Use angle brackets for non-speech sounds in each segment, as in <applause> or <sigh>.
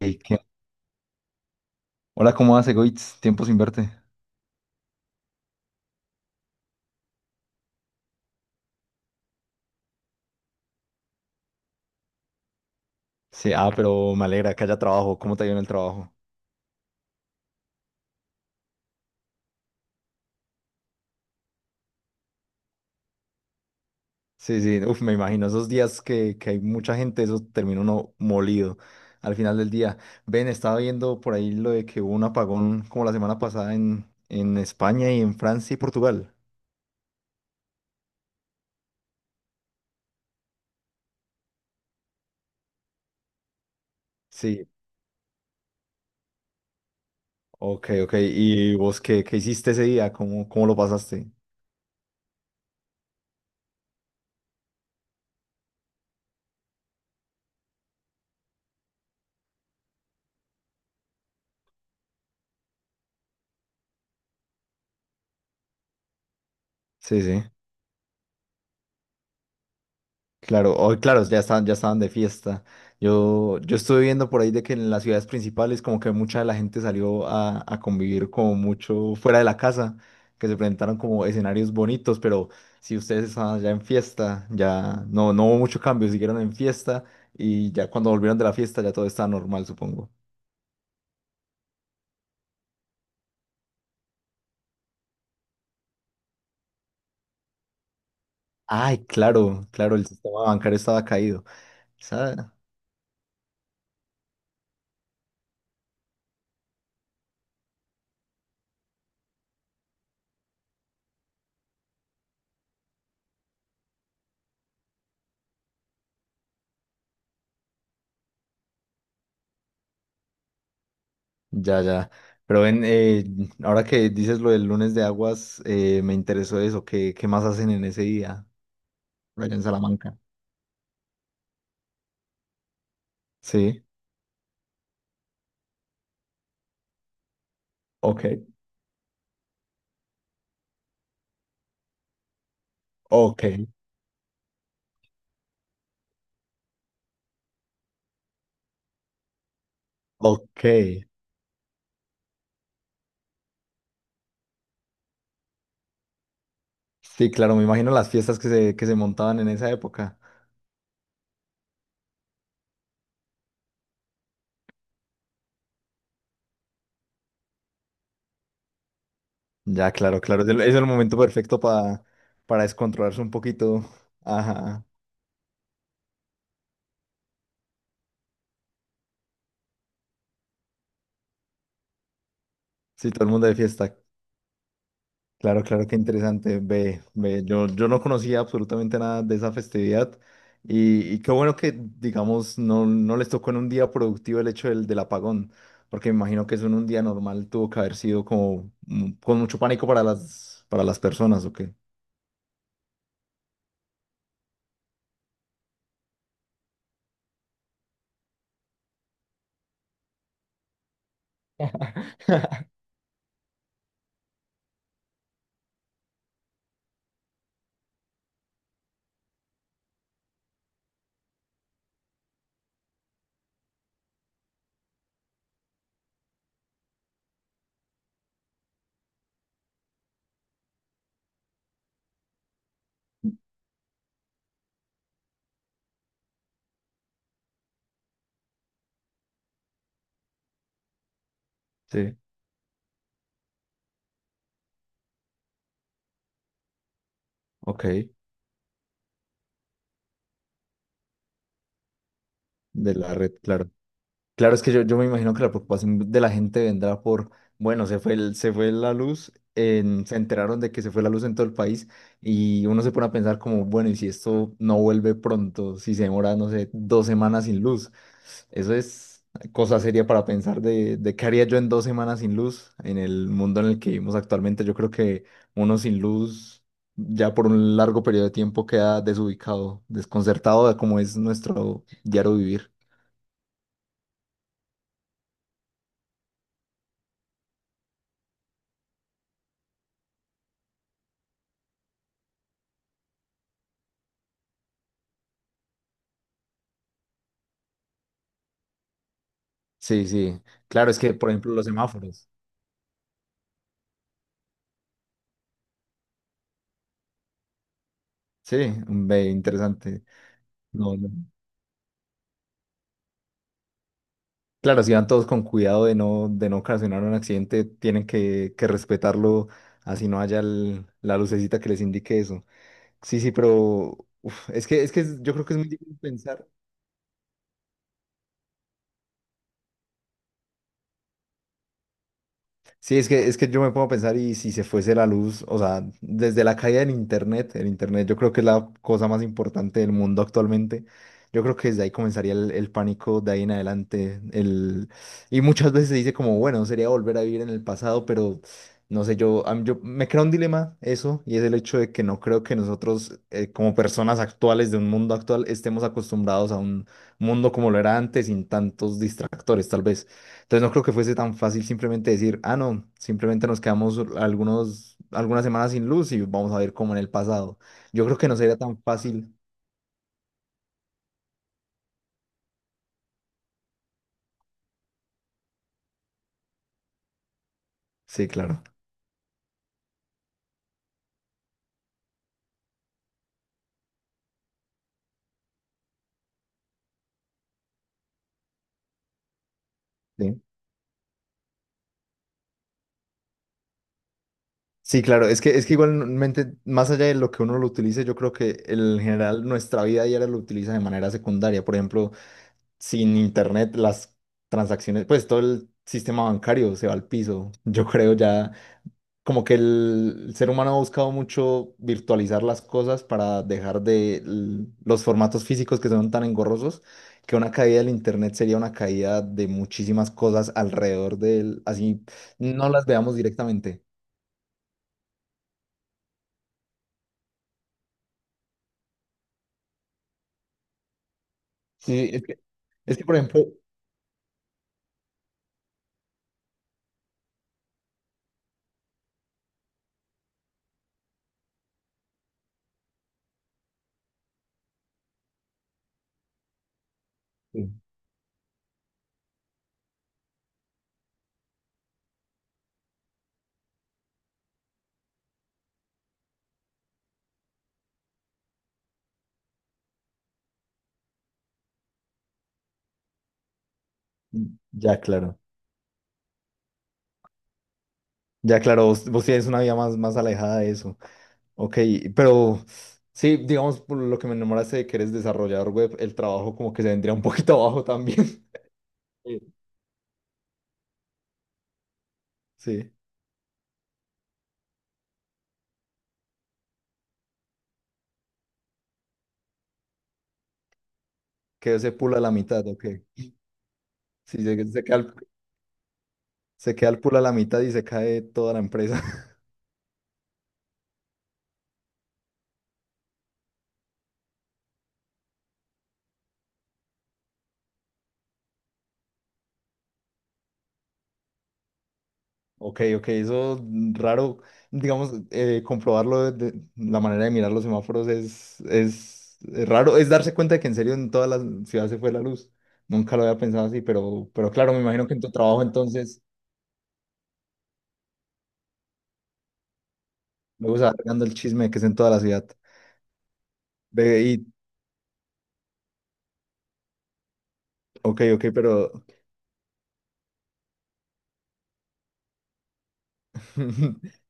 Ey, hola, ¿cómo hace, Goitz? Tiempo sin verte. Sí, ah, pero me alegra que haya trabajo. ¿Cómo te ha ido en el trabajo? Sí, sí, uf, me imagino esos días que hay mucha gente, eso termina uno molido al final del día. Ven, estaba viendo por ahí lo de que hubo un apagón como la semana pasada en España y en Francia y Portugal. Sí, ok, ok. ¿Y vos qué, qué hiciste ese día? ¿Cómo, cómo lo pasaste? Sí, sí. Claro, hoy, claro, ya estaban de fiesta. Yo estuve viendo por ahí de que en las ciudades principales como que mucha de la gente salió a convivir como mucho fuera de la casa, que se presentaron como escenarios bonitos, pero si ustedes estaban ya en fiesta, ya no, no hubo mucho cambio, siguieron en fiesta y ya cuando volvieron de la fiesta ya todo estaba normal, supongo. Ay, claro, claro, el sistema bancario estaba caído. Esa- Ya, ya. Pero ven, ahora que dices lo del lunes de aguas, me interesó eso. ¿Qué, qué más hacen en ese día? Allá en Salamanca. Sí, ok, ok, ok. Sí, claro, me imagino las fiestas que se montaban en esa época. Ya, claro, claro. Es el momento perfecto para descontrolarse un poquito. Ajá. Sí, todo el mundo de fiesta. Claro, claro, qué interesante. Ve, ve, yo no conocía absolutamente nada de esa festividad y qué bueno que, digamos, no, no les tocó en un día productivo el hecho del, del apagón, porque me imagino que eso en un día normal tuvo que haber sido como con mucho pánico para las personas, ¿o qué? Sí, ok, de la red, claro. Claro, es que yo me imagino que la preocupación de la gente vendrá por, bueno, se fue el, se fue la luz, se enteraron de que se fue la luz en todo el país y uno se pone a pensar como, bueno, ¿y si esto no vuelve pronto? Si se demora, no sé, dos semanas sin luz. Eso es cosa seria para pensar de qué haría yo en dos semanas sin luz en el mundo en el que vivimos actualmente. Yo creo que uno sin luz ya por un largo periodo de tiempo queda desubicado, desconcertado de cómo es nuestro diario vivir. Sí, sí. Claro, es que, por ejemplo, los semáforos. Sí, mm, ve, interesante. No, no. Claro, si van todos con cuidado de no ocasionar un accidente, tienen que respetarlo, así no haya la lucecita que les indique eso. Sí, sí, pero uf, yo creo que es muy difícil pensar. Sí, es que yo me pongo a pensar y si se fuese la luz, o sea, desde la caída del Internet, el Internet yo creo que es la cosa más importante del mundo actualmente, yo creo que desde ahí comenzaría el pánico de ahí en adelante, y muchas veces se dice como, bueno, sería volver a vivir en el pasado, pero no sé, yo, yo me crea un dilema eso, y es el hecho de que no creo que nosotros como personas actuales de un mundo actual estemos acostumbrados a un mundo como lo era antes, sin tantos distractores, tal vez. Entonces no creo que fuese tan fácil simplemente decir, ah, no, simplemente nos quedamos algunos, algunas semanas sin luz y vamos a ver cómo en el pasado. Yo creo que no sería tan fácil. Sí, claro. Sí, sí, claro. Es que igualmente, más allá de lo que uno lo utilice, yo creo que en general nuestra vida diaria lo utiliza de manera secundaria. Por ejemplo, sin internet, las transacciones, pues todo el sistema bancario se va al piso. Yo creo ya como que el ser humano ha buscado mucho virtualizar las cosas para dejar los formatos físicos que son tan engorrosos, que una caída del internet sería una caída de muchísimas cosas alrededor del así no las veamos directamente. Sí, es que por ejemplo, sí. Ya claro, ya claro, vos, vos tienes una vida más, más alejada de eso. Ok, pero sí, digamos, por lo que me enamoraste de que eres desarrollador web, el trabajo como que se vendría un poquito abajo también. <laughs> Sí. Sí. Quedó ese pool a la mitad, ok. Sí, se, se queda el pool a la mitad y se cae toda la empresa. <laughs> Ok, ok, eso mm, raro, digamos, comprobarlo de, la manera de mirar los semáforos es raro, es darse cuenta de que en serio en toda la ciudad se fue la luz. Nunca lo había pensado así, pero claro, me imagino que en tu trabajo entonces luego se va regando el chisme de que es en toda la ciudad. Ve y, ok, ok, pero <laughs>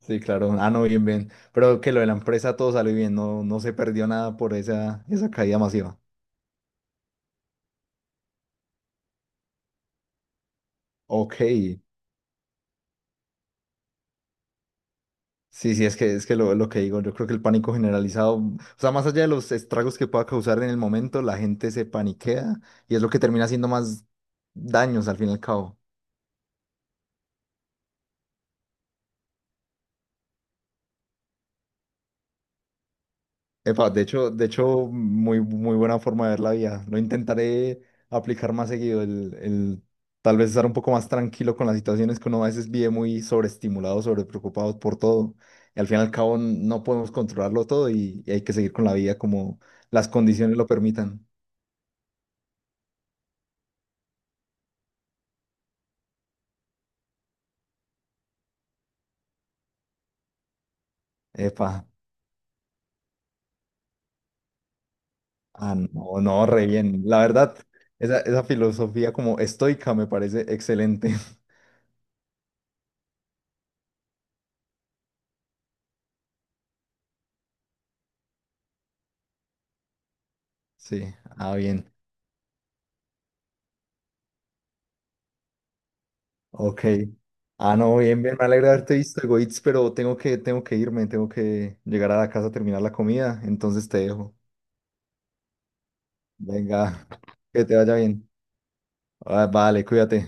sí, claro. Ah, no, bien, bien. Pero que lo de la empresa todo salió bien, no, no se perdió nada por esa, esa caída masiva. Ok. Sí, sí, es que lo que digo, yo creo que el pánico generalizado, o sea, más allá de los estragos que pueda causar en el momento, la gente se paniquea y es lo que termina haciendo más daños al fin y al cabo. Epa, de hecho, muy, muy buena forma de ver la vida. Lo intentaré aplicar más seguido, el tal vez estar un poco más tranquilo con las situaciones que uno a veces vive muy sobreestimulado, sobrepreocupado por todo. Y al fin y al cabo no podemos controlarlo todo y hay que seguir con la vida como las condiciones lo permitan. Epa, ah, no, no, re bien. La verdad, esa filosofía como estoica me parece excelente. <laughs> Sí, ah, bien. Ok. Ah, no, bien, bien, me alegra haberte visto, Egoitz, pero tengo que irme, tengo que llegar a la casa a terminar la comida, entonces te dejo. Venga, <laughs> que te vaya bien. Ah, vale, cuídate.